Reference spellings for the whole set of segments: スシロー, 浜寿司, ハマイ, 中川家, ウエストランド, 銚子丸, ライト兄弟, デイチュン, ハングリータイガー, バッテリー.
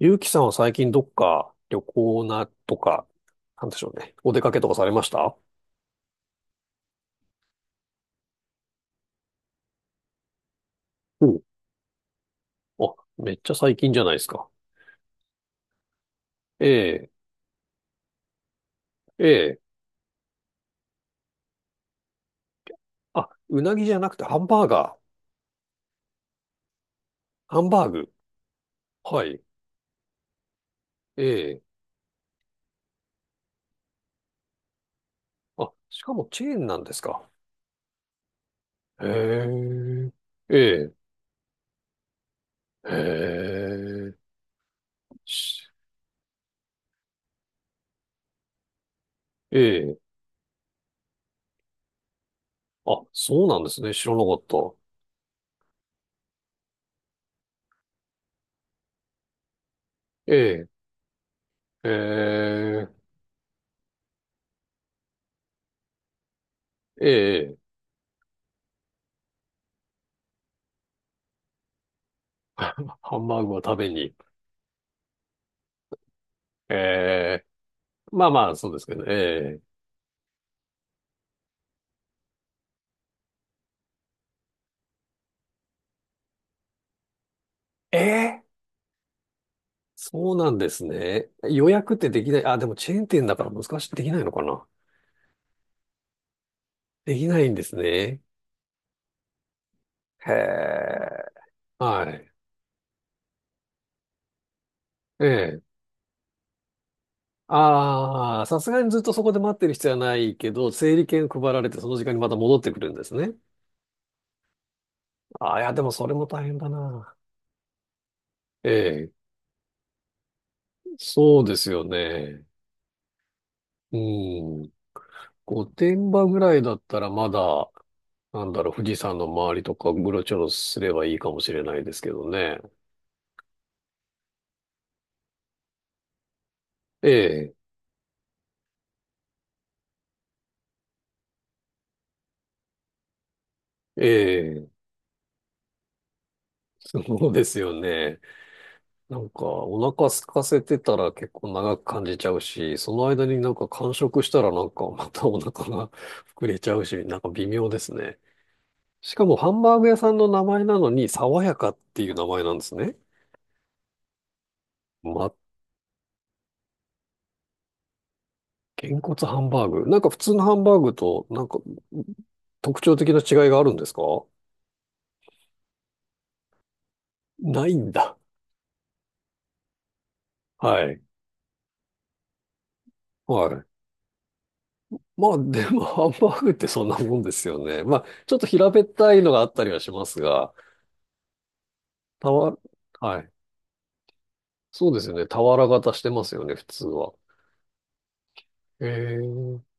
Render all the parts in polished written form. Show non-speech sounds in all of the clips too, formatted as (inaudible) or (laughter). ゆうきさんは最近どっか旅行なとか、なんでしょうね。お出かけとかされました？おう。あ、めっちゃ最近じゃないですか。ええ、ええ。あ、うなぎじゃなくてハンバーガー。ハンバーグ。はい。ええ。あ、しかもチェーンなんですか？へえ。ええ。へえ。し、ええ。あ、そうなんですね。知らなかった。ええ。ええ。ええ。(laughs) ハンバーグを食べに。ええ。まあまあ、そうですけどね。ええ、ええ、そうなんですね。予約ってできない？あ、でもチェーン店だから難しくできないのかな。できないんですね。へえ。はい。ええ。ああ、さすがにずっとそこで待ってる必要はないけど、整理券配られてその時間にまた戻ってくるんですね。ああ、いや、でもそれも大変だな。ええ、そうですよね。うん。御殿場ぐらいだったらまだ、富士山の周りとかうろちょろすればいいかもしれないですけどね。え、ええ、そうですよね。お腹空かせてたら結構長く感じちゃうし、その間になんか間食したらなんかまたお腹が (laughs) 膨れちゃうし、なんか微妙ですね。しかもハンバーグ屋さんの名前なのに、爽やかっていう名前なんですね。ま、げんこつハンバーグ。なんか普通のハンバーグとなんか特徴的な違いがあるんですか？ないんだ。はい。はい。まあ、でも、ハンバーグってそんなもんですよね。まあ、ちょっと平べったいのがあったりはしますが、たわ、はい。そうですよね。俵型してますよね、普通は。ええ、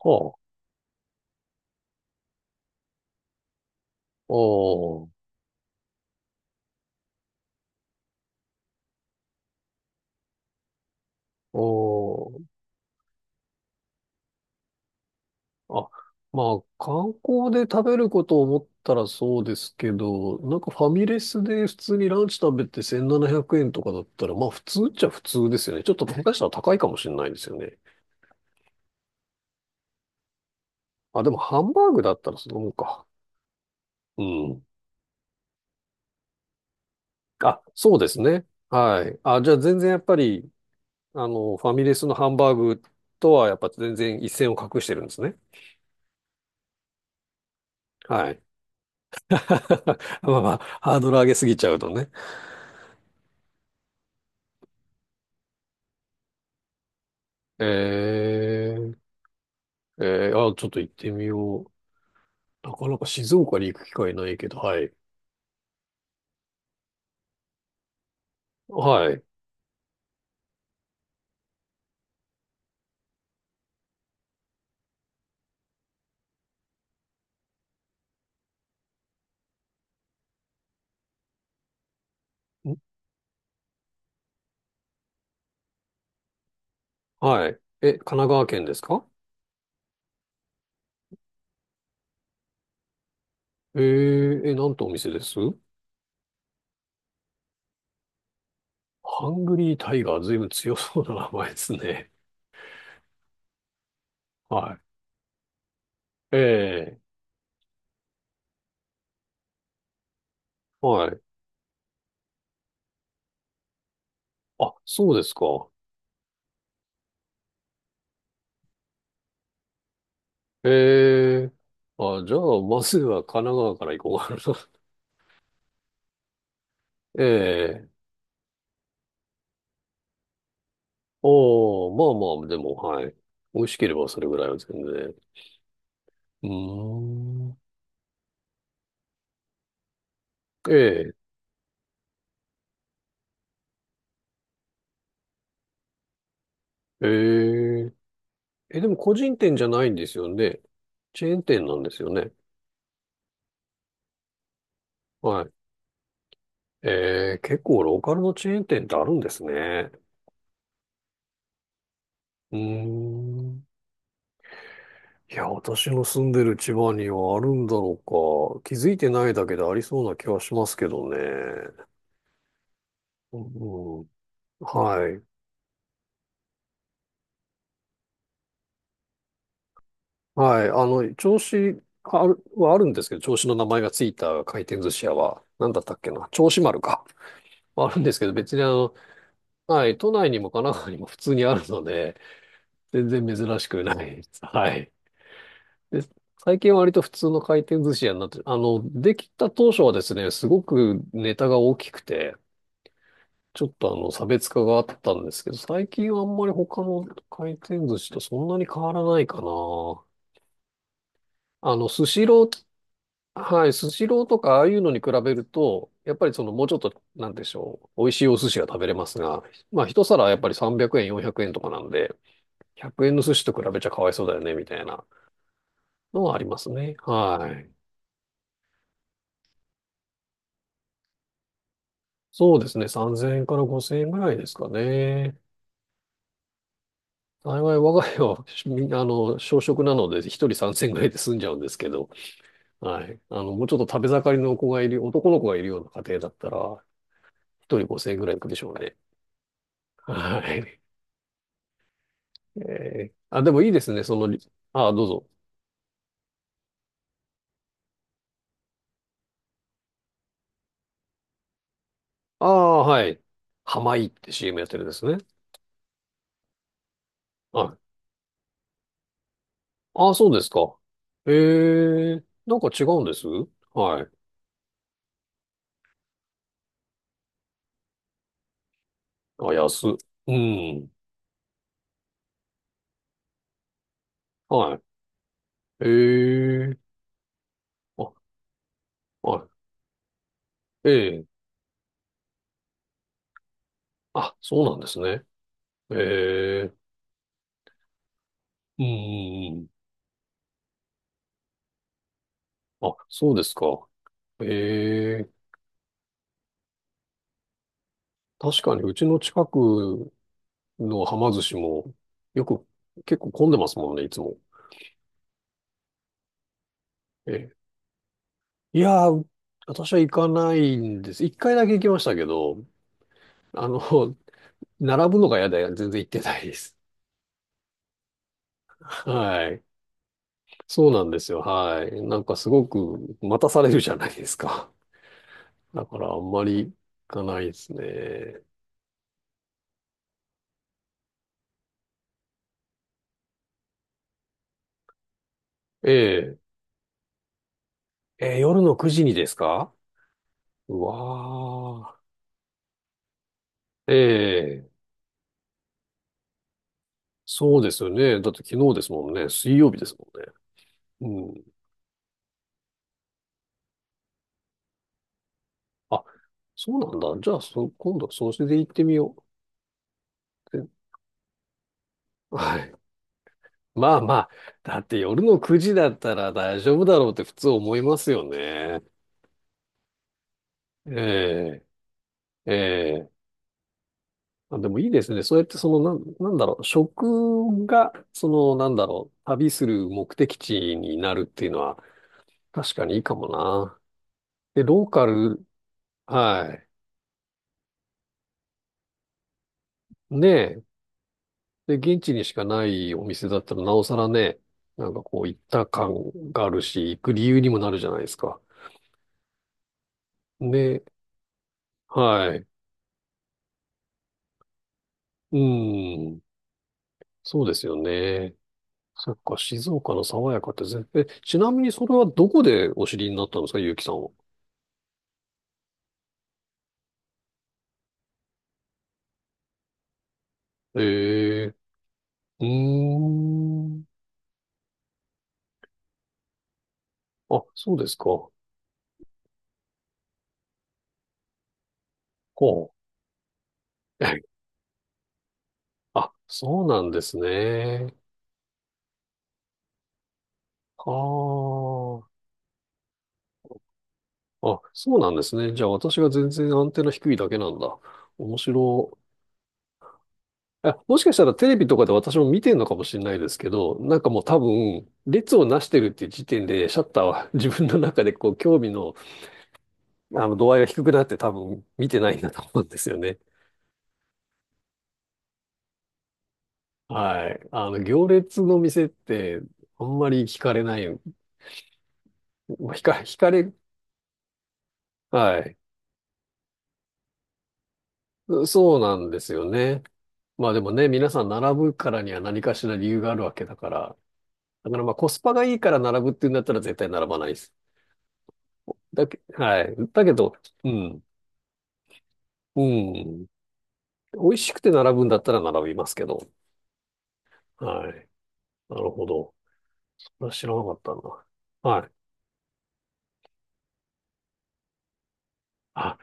はあ、おー、おー、あ、まあ、観光で食べることを思ったらそうですけど、なんかファミレスで普通にランチ食べて1700円とかだったら、まあ、普通っちゃ普通ですよね。ちょっと、下手したら高いかもしれないですよね。あ、でも、ハンバーグだったらそのもんか。うん。あ、そうですね。はい。あ、じゃあ全然やっぱり、ファミレスのハンバーグとはやっぱ全然一線を画してるんですね。はい。(laughs) まあまあ、ハードル上げすぎちゃうとね。えー、えー、あ、ちょっと行ってみよう。なかなか静岡に行く機会ないけど、はい。はい。ん、はい。え、神奈川県ですか？えー、え、なんとお店ですハングリータイガー、ずいぶん強そうな名前ですね。はい。ええ、はい。あ、そうですか。ええ、あ、じゃあ、まずは神奈川から行こうかな。(laughs) ええ、おお、まあまあ、でも、はい。美味しければそれぐらいは全然。うーん。え、ええ、ええ、でも個人店じゃないんですよね。チェーン店なんですよね。はい。ええ、結構ローカルのチェーン店ってあるんですね。うーん。いや、私の住んでる千葉にはあるんだろうか。気づいてないだけでありそうな気はしますけどね。うん、はい。はい。銚子ある、はあるんですけど、銚子の名前がついた回転寿司屋は、なんだったっけな、銚子丸か。はあるんですけど、別にあの、はい、都内にも神奈川にも普通にあるので、全然珍しくないです。はい。で、最近は割と普通の回転寿司屋になって、あの、できた当初はですね、すごくネタが大きくて、ちょっとあの、差別化があったんですけど、最近はあんまり他の回転寿司とそんなに変わらないかな。あの、スシローはい、スシローとかああいうのに比べると、やっぱりそのもうちょっと、なんでしょう、美味しいお寿司が食べれますが、まあ一皿やっぱり300円、400円とかなんで、100円の寿司と比べちゃかわいそうだよね、みたいなのはありますね。はい。そうですね、3000円から5000円ぐらいですかね。幸い我が家は、みあの、小食なので、一人3000円ぐらいで済んじゃうんですけど、はい。あの、もうちょっと食べ盛りの子がいる、男の子がいるような家庭だったら、一人5000円ぐらいいくでしょうね。はい。ええ、あ、でもいいですね、その、ああ、どうぞ。ああ、はい。ハマイって CM やってるんですね。はい。ああ、そうですか。ええ、なんか違うんですはい。あ、安。うん。はい。ええ、あ、はい。ええ、あ、そうなんですね。ええ、うんうんうん。あ、そうですか。ええ、確かにうちの近くの浜寿司もよく結構混んでますもんね、いつも。ええ、いやー、私は行かないんです。一回だけ行きましたけど、あの、(laughs) 並ぶのが嫌で全然行ってないです。(laughs) はい。そうなんですよ。はい。なんかすごく待たされるじゃないですか。(laughs) だからあんまり行かないですね。ええ。えー、夜の9時にですか？うわー。ええ。そうですよね。だって昨日ですもんね。水曜日ですもんね。うん。あ、そうなんだ。じゃあ、そ、今度はそれで行ってみよう。え、はい。まあまあ、だって夜の9時だったら大丈夫だろうって普通思いますよね。ええ、ええ。あ、でもいいですね。そうやってその、なんだろう、食が、その、なんだろう、旅する目的地になるっていうのは確かにいいかもな。で、ローカル、はい。ね、え。で、現地にしかないお店だったらなおさらね、なんかこう行った感があるし、行く理由にもなるじゃないですか。ね、はい。うん。そうですよね。そっか、静岡の爽やかってぜ、え、ちなみにそれはどこでお知りになったんですか、ゆうきさんは。ええ、うーん。あ、そうですか。ほう。(laughs) あ、そうなんですね。はあ。あ、そうなんですね。じゃあ私が全然アンテナ低いだけなんだ。面白い。え、もしかしたらテレビとかで私も見てんのかもしれないですけど、なんかもう多分、列をなしてるっていう時点で、シャッターは自分の中でこう、興味の度合いが低くなって多分見てないんだと思うんですよね。はい。あの、行列の店って、あんまり惹かれない。まあ惹かれ、はい。そうなんですよね。まあでもね、皆さん並ぶからには何かしら理由があるわけだから。だからまあコスパがいいから並ぶっていうんだったら絶対並ばないです。はい。だけど、うん。うん。美味しくて並ぶんだったら並びますけど。はい。なるほど。それは知らなかったな。はい。あ、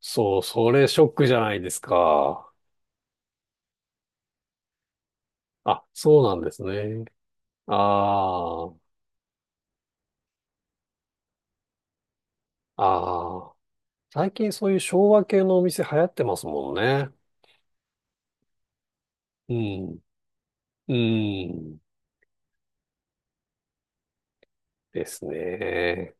そう、それショックじゃないですか。あ、そうなんですね。ああ、ああ。最近そういう昭和系のお店流行ってますもんね。うん、うん、ですね。